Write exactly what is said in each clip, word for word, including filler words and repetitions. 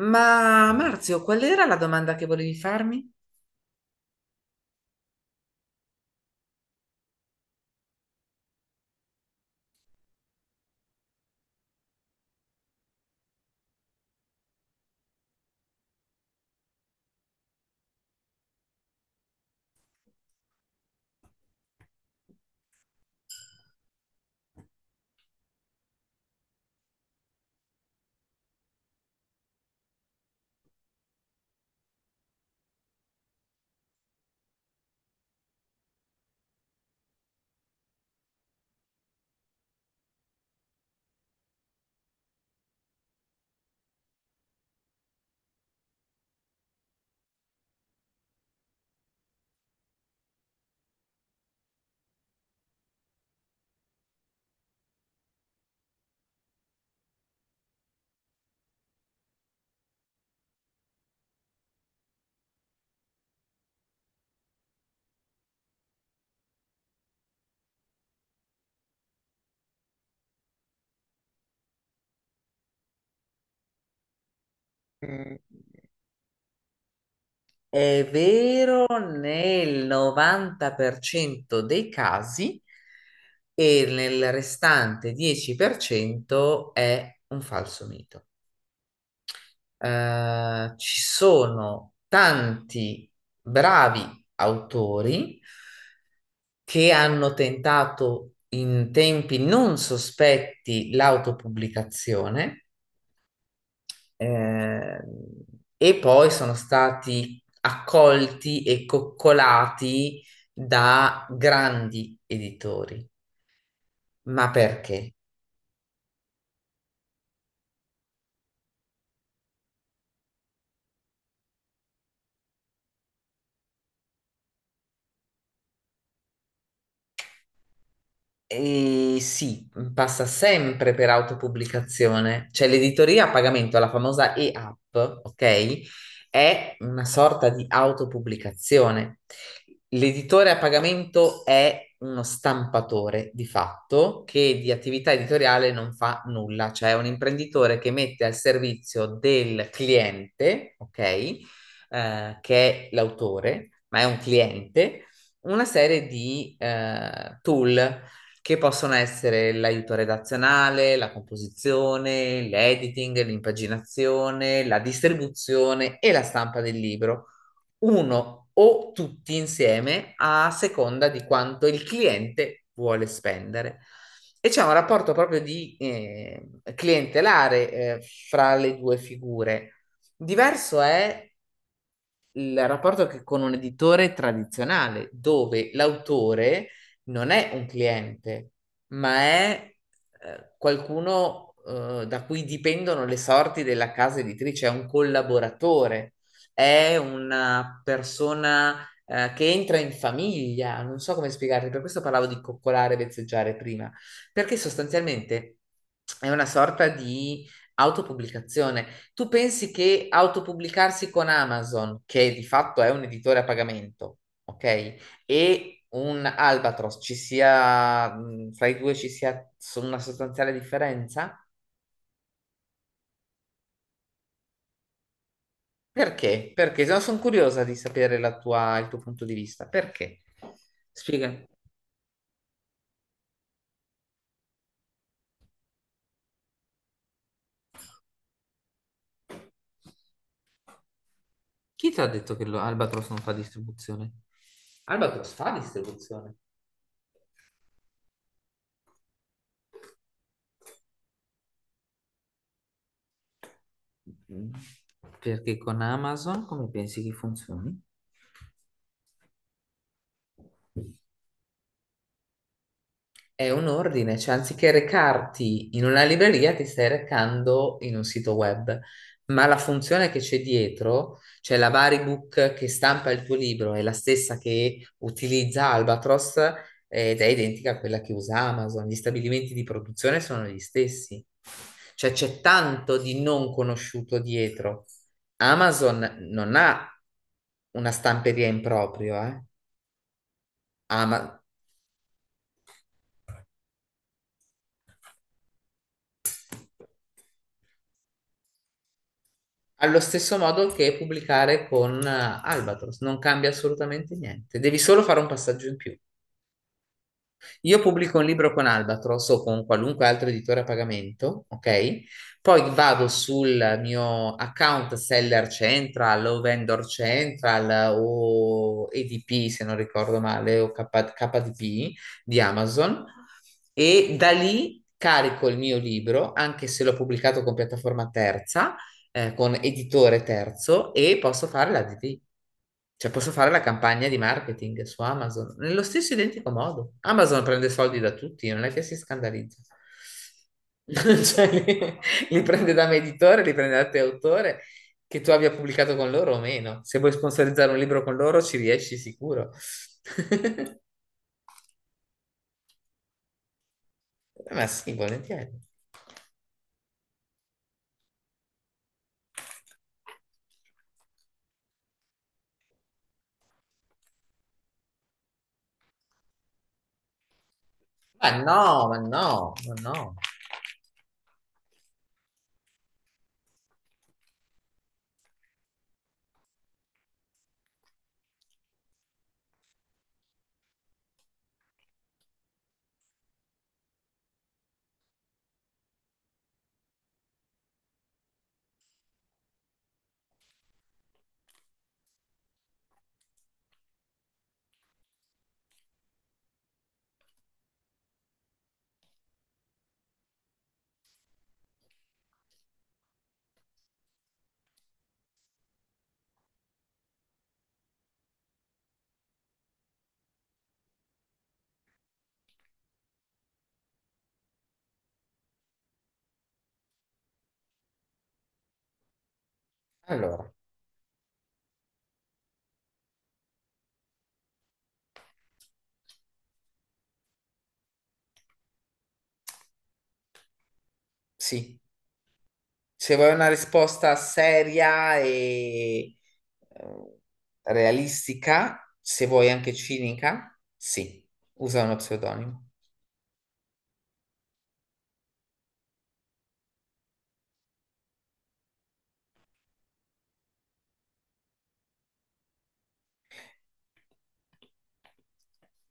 Ma Marzio, qual era la domanda che volevi farmi? Mm, È vero, nel novanta per cento dei casi e nel restante dieci per cento è un falso mito. Eh, ci sono tanti bravi autori che hanno tentato in tempi non sospetti l'autopubblicazione. Eh, e poi sono stati accolti e coccolati da grandi editori. Ma perché? E sì, mhmm, passa sempre per autopubblicazione, cioè l'editoria a pagamento, la famosa e-app, ok? È una sorta di autopubblicazione. L'editore a pagamento è uno stampatore di fatto che di attività editoriale non fa nulla, cioè è un imprenditore che mette al servizio del cliente, ok? Eh, che è l'autore, ma è un cliente. Una serie di eh, tool che possono essere l'aiuto redazionale, la composizione, l'editing, l'impaginazione, la distribuzione e la stampa del libro, uno o tutti insieme a seconda di quanto il cliente vuole spendere. E c'è un rapporto proprio di eh, clientelare, eh, fra le due figure. Diverso è il rapporto che con un editore tradizionale, dove l'autore non è un cliente, ma è eh, qualcuno eh, da cui dipendono le sorti della casa editrice, è un collaboratore, è una persona eh, che entra in famiglia, non so come spiegarti, per questo parlavo di coccolare e vezzeggiare prima, perché sostanzialmente è una sorta di autopubblicazione. Tu pensi che autopubblicarsi con Amazon, che di fatto è un editore a pagamento, ok? E un Albatros ci sia, mh, fra i due ci sia s- una sostanziale differenza? Perché? Perché no, sono curiosa di sapere la tua- il tuo punto di vista. Perché? Spiega. Chi ti ha detto che lo- Albatros non fa distribuzione? Albatros fa distribuzione. Mm. Perché con Amazon come pensi che funzioni? È un ordine, cioè anziché recarti in una libreria ti stai recando in un sito web, ma la funzione che c'è dietro, cioè la Varibook che stampa il tuo libro, è la stessa che utilizza Albatros, eh, ed è identica a quella che usa Amazon. Gli stabilimenti di produzione sono gli stessi, cioè c'è tanto di non conosciuto dietro. Amazon non ha una stamperia in proprio, eh. Ama- Allo stesso modo che pubblicare con eh, Albatros, non cambia assolutamente niente, devi solo fare un passaggio in più. Io pubblico un libro con Albatros o con qualunque altro editore a pagamento, ok? Poi vado sul mio account Seller Central o Vendor Central o E D P, se non ricordo male, o K- KDP di Amazon e da lì carico il mio libro, anche se l'ho pubblicato con piattaforma terza, eh, con editore terzo e posso fare la D D, cioè posso fare la campagna di marketing su Amazon, nello stesso identico modo. Amazon prende soldi da tutti, non è che si scandalizza. Cioè, li, li prende da me editore, li prende da te autore, che tu abbia pubblicato con loro o meno. Se vuoi sponsorizzare un libro con loro ci riesci sicuro. Ma sì, volentieri. Ma no, ma no, ma no. Allora, sì. Se vuoi una risposta seria e eh, realistica, se vuoi anche cinica, sì, usa uno pseudonimo.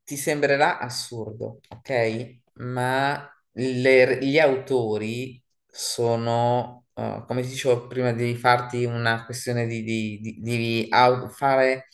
Ti sembrerà assurdo, ok? Ma le- gli autori sono, eh, come ti dicevo prima, di farti una questione di, di- di- di au- fare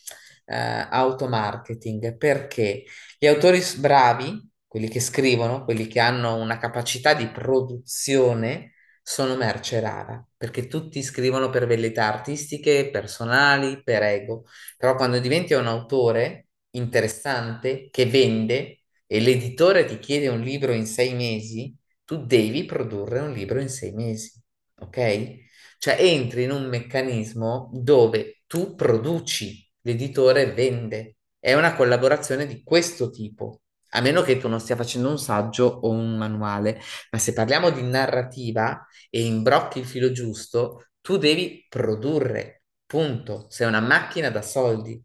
eh, automarketing, perché gli autori s- bravi, quelli che scrivono, quelli che hanno una capacità di produzione, sono merce rara, perché tutti scrivono per velleità artistiche, personali, per ego. Però quando diventi un autore interessante che vende e l'editore ti chiede un libro in sei mesi, tu devi produrre un libro in sei mesi, ok? Cioè entri in un meccanismo dove tu produci, l'editore vende. È una collaborazione di questo tipo, a meno che tu non stia facendo un saggio o un manuale. Ma se parliamo di narrativa e imbrocchi il filo giusto, tu devi produrre, punto. Sei una macchina da soldi.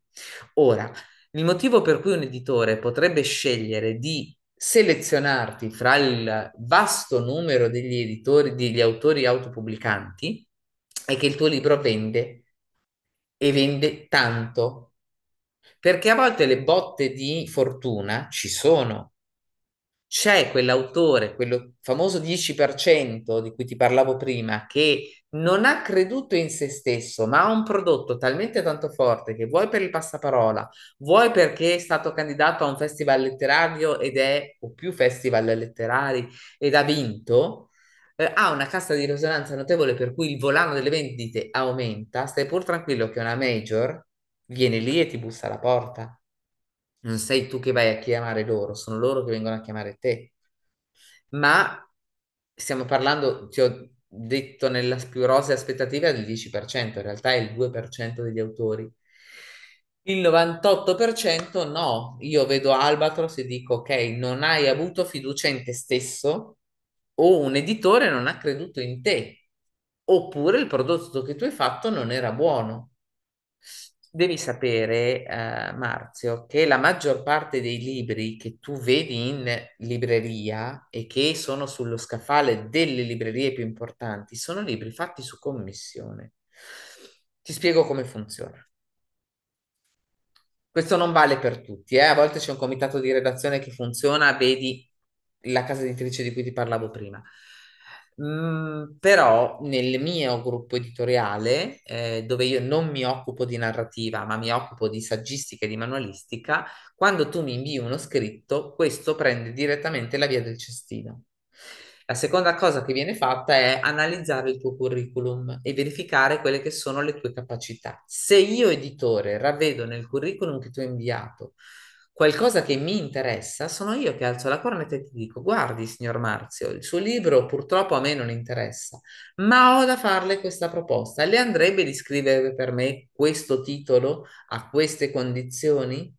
Ora, il motivo per cui un editore potrebbe scegliere di selezionarti fra il vasto numero degli editori, degli autori autopubblicanti, è che il tuo libro vende e vende tanto, perché a volte le botte di fortuna ci sono. C'è quell'autore, quello famoso dieci per cento di cui ti parlavo prima, che non ha creduto in se stesso, ma ha un prodotto talmente tanto forte che vuoi per il passaparola, vuoi perché è stato candidato a un festival letterario ed è, o più festival letterari, ed ha vinto, eh, ha una cassa di risonanza notevole per cui il volano delle vendite aumenta, stai pur tranquillo che una major viene lì e ti bussa alla porta. Non sei tu che vai a chiamare loro, sono loro che vengono a chiamare te, ma stiamo parlando, ti ho detto, nella più rosea aspettativa del dieci per cento, in realtà è il due per cento degli autori. Il novantotto per cento no, io vedo Albatros e dico ok, non hai avuto fiducia in te stesso o un editore non ha creduto in te, oppure il prodotto che tu hai fatto non era buono. Devi sapere, eh, Marzio, che la maggior parte dei libri che tu vedi in libreria e che sono sullo scaffale delle librerie più importanti sono libri fatti su commissione. Ti spiego come funziona. Questo non vale per tutti, eh. A volte c'è un comitato di redazione che funziona, vedi la casa editrice di cui ti parlavo prima. Mm, però nel mio gruppo editoriale, eh, dove io non mi occupo di narrativa, ma mi occupo di saggistica e di manualistica, quando tu mi invii uno scritto, questo prende direttamente la via del cestino. La seconda cosa che viene fatta è analizzare il tuo curriculum e verificare quelle che sono le tue capacità. Se io, editore, ravvedo nel curriculum che tu hai inviato qualcosa che mi interessa, sono io che alzo la cornetta e ti dico: Guardi, signor Marzio, il suo libro purtroppo a me non interessa, ma ho da farle questa proposta. Le andrebbe di scrivere per me questo titolo? A queste condizioni,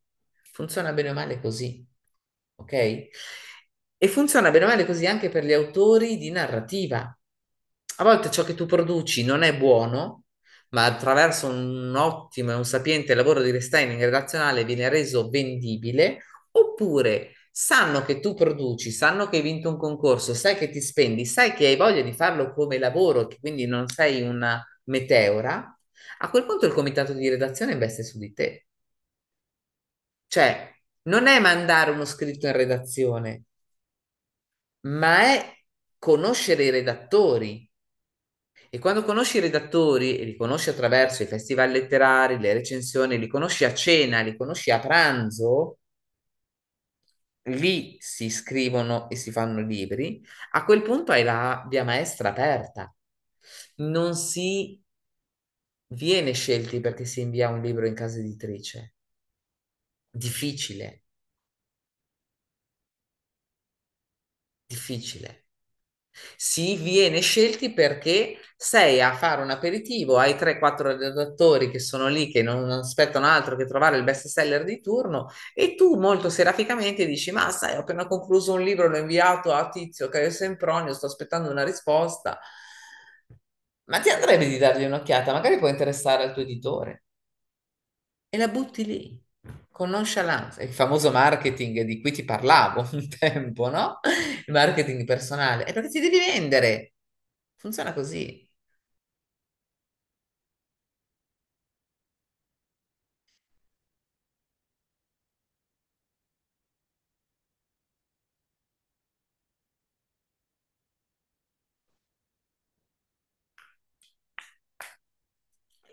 funziona bene o male così, ok? E funziona bene o male così anche per gli autori di narrativa. A volte ciò che tu produci non è buono, ma attraverso un ottimo e un sapiente lavoro di restyling relazionale viene reso vendibile, oppure sanno che tu produci, sanno che hai vinto un concorso, sai che ti spendi, sai che hai voglia di farlo come lavoro, che quindi non sei una meteora, a quel punto il comitato di redazione investe su di te. Cioè, non è mandare uno scritto in redazione, ma è conoscere i redattori. E quando conosci i redattori, e li conosci attraverso i festival letterari, le recensioni, li conosci a cena, li conosci a pranzo, lì si scrivono e si fanno libri, a quel punto hai la via maestra aperta. Non si viene scelti perché si invia un libro in casa editrice. Difficile, difficile. Si viene scelti perché sei a fare un aperitivo ai tre quattro redattori che sono lì, che non non aspettano altro che trovare il best seller di turno, e tu molto seraficamente dici: Ma sai, ho appena concluso un libro, l'ho inviato a Tizio, Caio Sempronio, sto aspettando una risposta. Ma ti andrebbe di dargli un'occhiata? Magari può interessare al tuo editore e la butti lì con nonchalance. Il famoso marketing di cui ti parlavo un tempo, no? Il marketing personale. È perché ti devi vendere. Funziona così.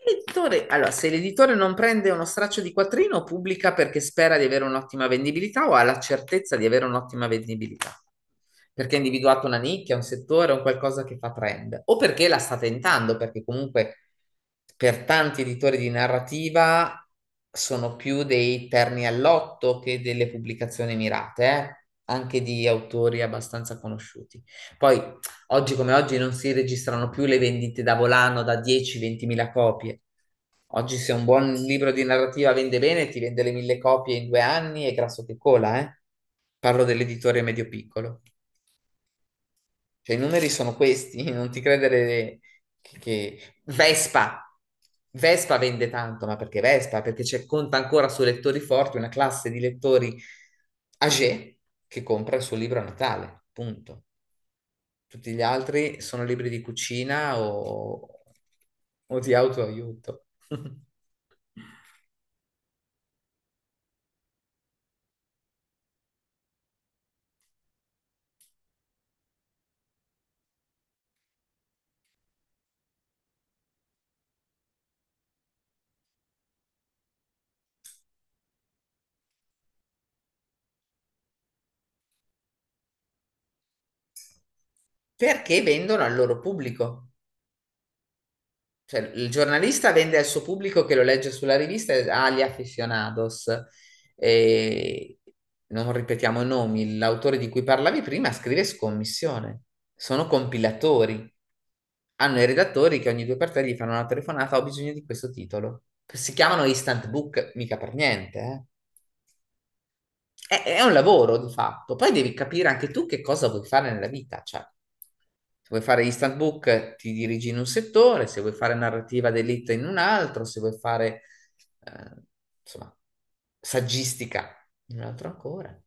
L'editore- Allora, se l'editore non prende uno straccio di quattrino, pubblica perché spera di avere un'ottima vendibilità o ha la certezza di avere un'ottima vendibilità, perché ha individuato una nicchia, un settore, un qualcosa che fa trend, o perché la sta tentando, perché comunque per tanti editori di narrativa sono più dei terni all'otto che delle pubblicazioni mirate, eh, anche di autori abbastanza conosciuti. Poi oggi come oggi non si registrano più le vendite da volano da dieci venti mila copie. Oggi se un buon libro di narrativa vende bene, ti vende le mille copie in due anni e grasso che cola, eh? Parlo dell'editore medio-piccolo. Cioè i numeri sono questi, non ti credere che... che- Vespa! Vespa vende tanto, ma perché Vespa? Perché c'è, conta ancora su lettori forti una classe di lettori age che compra il suo libro a Natale, punto. Tutti gli altri sono libri di cucina o, o di autoaiuto. Perché vendono al loro pubblico. Cioè, il giornalista vende al suo pubblico che lo legge sulla rivista agli aficionados. E non ripetiamo i nomi, l'autore di cui parlavi prima scrive scommissione. Sono compilatori. Hanno i redattori che ogni due per tre gli fanno una telefonata, ho bisogno di questo titolo. Si chiamano instant book, mica per niente, eh. È, è un lavoro di fatto. Poi devi capire anche tu che cosa vuoi fare nella vita. Cioè, se vuoi fare instant book, ti dirigi in un settore, se vuoi fare narrativa d'elite in un altro, se vuoi fare, eh, insomma, saggistica in un altro ancora.